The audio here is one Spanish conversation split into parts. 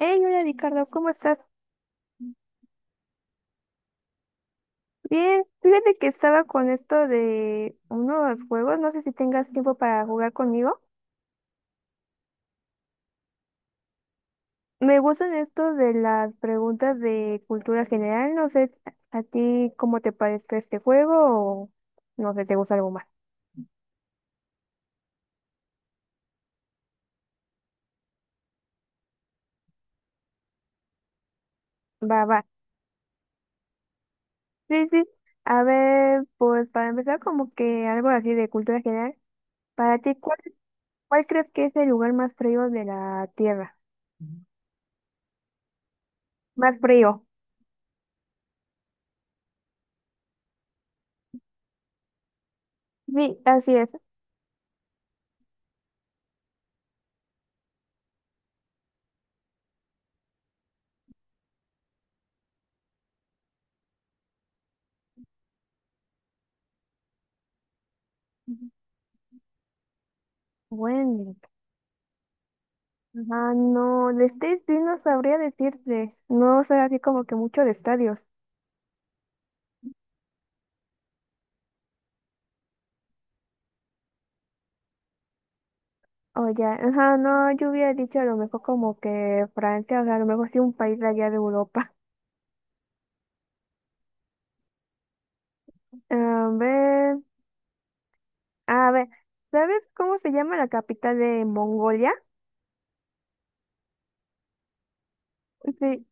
Hey, hola Ricardo, ¿cómo estás? Bien, fíjate que estaba con esto de unos juegos, no sé si tengas tiempo para jugar conmigo. Me gustan estos de las preguntas de cultura general, no sé a ti cómo te parezca este juego o no sé, te gusta algo más. Va, va. Sí, sí. A ver, pues para empezar como que algo así de cultura general. Para ti, ¿Cuál crees que es el lugar más frío de la Tierra? Más frío. Sí, así es. Bueno. Ah, no, de State sí no sabría decirte. No sé así como que mucho de estadios. O ya, ajá, no, yo hubiera dicho a lo mejor como que Francia, o sea, a lo mejor sí un país de allá de Europa. A ver, a ver, ¿sabes cómo se llama la capital de Mongolia? Sí,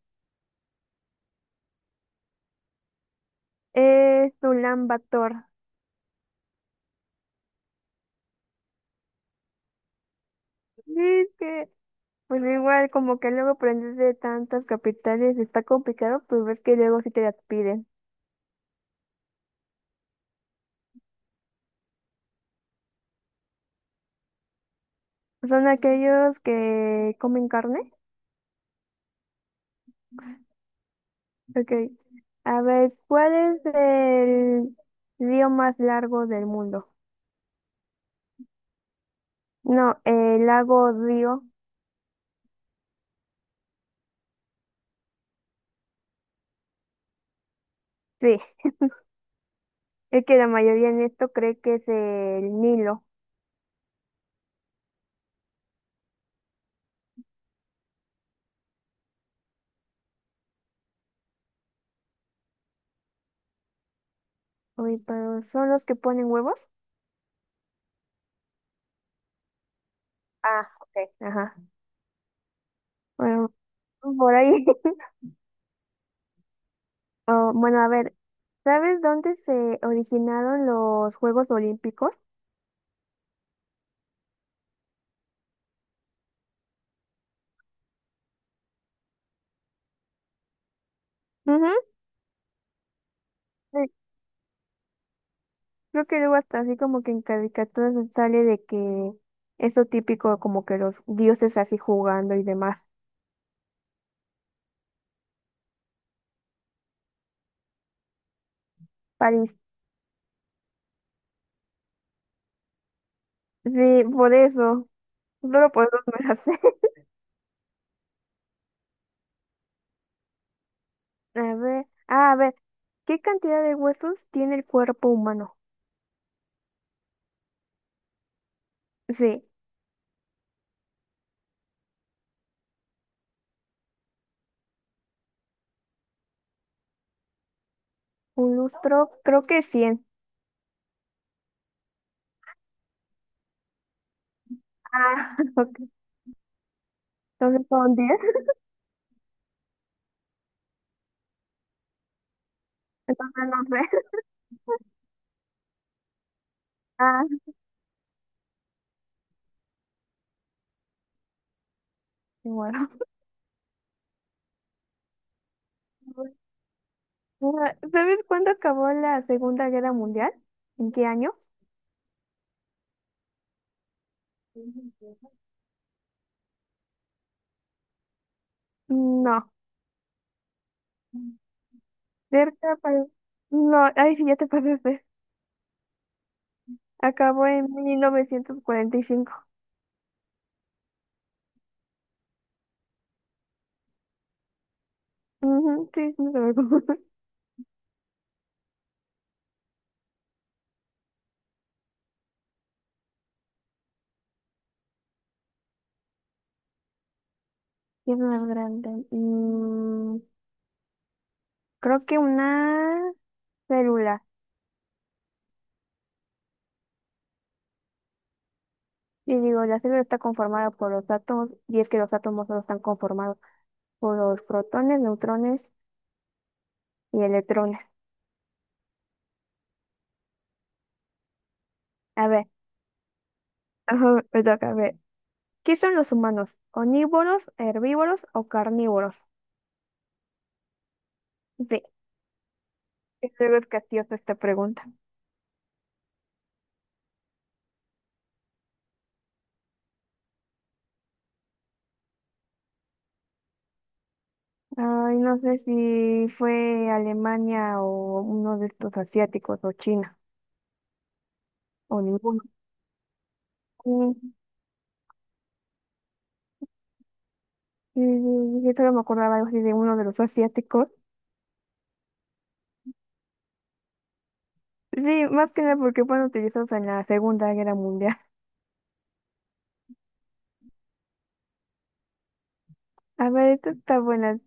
es Ulan Bator. Sí, es que, pues igual como que luego aprendes de tantas capitales, está complicado, pues ves que luego sí te las piden. Son aquellos que comen carne. Ok. A ver, ¿cuál es el río más largo del mundo? No, el lago río. Sí, es que la mayoría en esto cree que es el Nilo. Uy, pero ¿son los que ponen huevos? Ah, ok. Ajá. Bueno, por ahí. Oh, bueno, a ver, ¿sabes dónde se originaron los Juegos Olímpicos? Ujú. Sí, creo que luego hasta así como que en caricaturas sale de que eso típico como que los dioses así jugando y demás. París. Sí, por eso. Solo por eso me la sé. A ver, ah, a ver, ¿qué cantidad de huesos tiene el cuerpo humano? Sí, un lustro, creo que 100. Ah, ok. Entonces son 10. Entonces no sé. Ah, sí, bueno. Ah, ¿sabes cuándo acabó la Segunda Guerra Mundial? ¿En qué año? No. Cerca, pero... No, ay, sí, ya te pasaste. Acabó en 1945. Ujú, sí, no sé. ¿Qué es más grande? Creo que una célula. Y digo, la célula está conformada por los átomos, y es que los átomos solo están conformados por los protones, neutrones y electrones. A ver, ajá, me toca, a ver. ¿Qué son los humanos? ¿Omnívoros, herbívoros o carnívoros? Sí, es algo capciosa esta pregunta. Ay, no sé si fue Alemania o uno de estos asiáticos o China o ninguno. Mm, sí, sí, yo solo me acordaba algo así de uno de los asiáticos. Sí, más que nada porque fueron utilizados en la Segunda Guerra Mundial. A ver, esta está buena.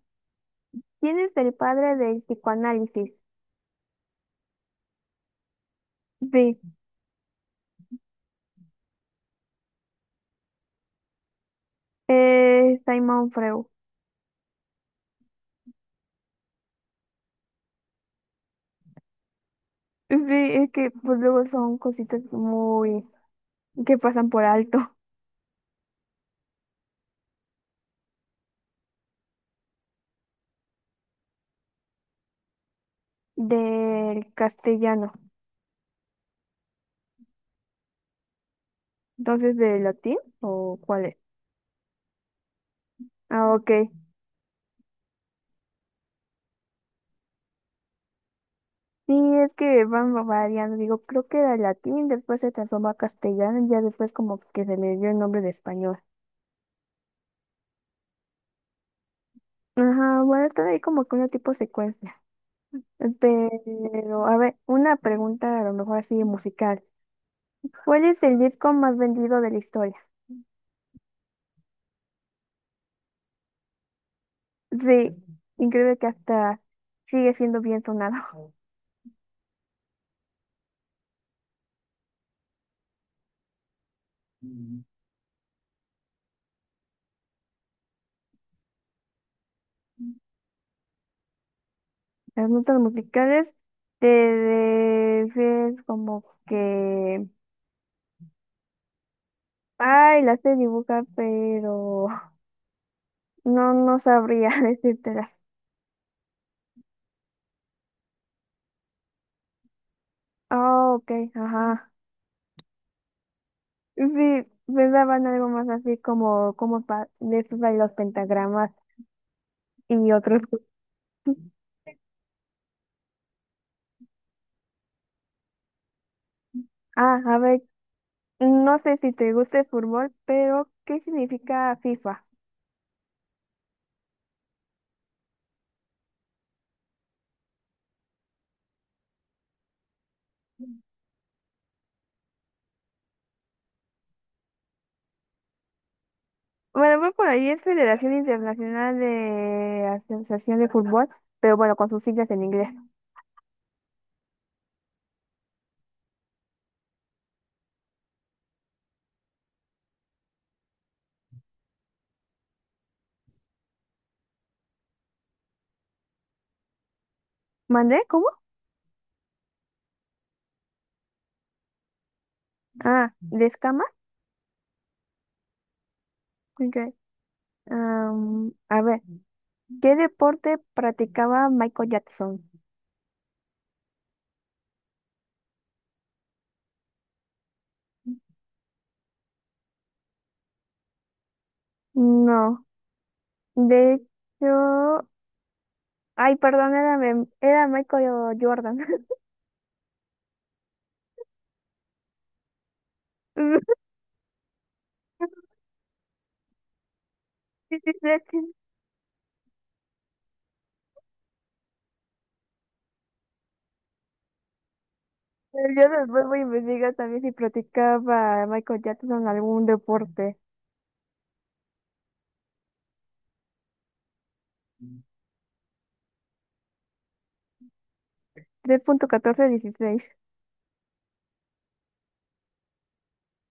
¿Quién es el padre del psicoanálisis? Sí, Simon Freud. Sí, es que pues luego son cositas muy que pasan por alto del castellano. Entonces, ¿del latín o cuál es? Ah, ok. Sí, es que van variando. Digo, creo que era latín, después se transformó a castellano y ya después como que se le dio el nombre de español. Ajá, bueno, están ahí como que una tipo secuencia. Pero, a ver, una pregunta a lo mejor así musical. ¿Cuál es el disco más vendido de la historia? Sí, increíble que hasta sigue siendo bien sonado. Las notas musicales te es como que, ay, las sé dibujar, pero no, no sabría decírtelas. Ah, ok, ajá. Sí, pensaban algo más así como, como de esos de los pentagramas. Y otros. Ah, a ver, no sé si te gusta el fútbol, pero ¿qué significa FIFA? Bueno, voy por ahí es Federación Internacional de Asociación de Fútbol, pero bueno, con sus siglas en inglés. ¿Mandé? ¿Cómo? Ah, ¿de escamas? Ok. Am, a ver, ¿qué deporte practicaba Michael Jackson? No, de hecho, ay, perdón, era Michael Jordan. Sí, sí, sí. Pero yo después voy a investigar también si practicaba Michael Jackson algún deporte. 3.1416.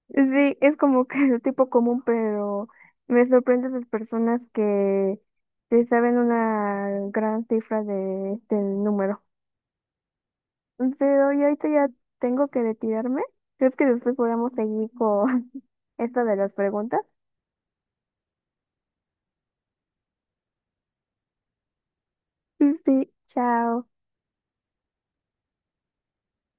Sí, es como que el tipo común, pero me sorprende las personas que se saben una gran cifra de este número. Pero yo ahorita ya tengo que retirarme. ¿Crees que después podamos seguir con esto de las preguntas? Sí, sí, chao.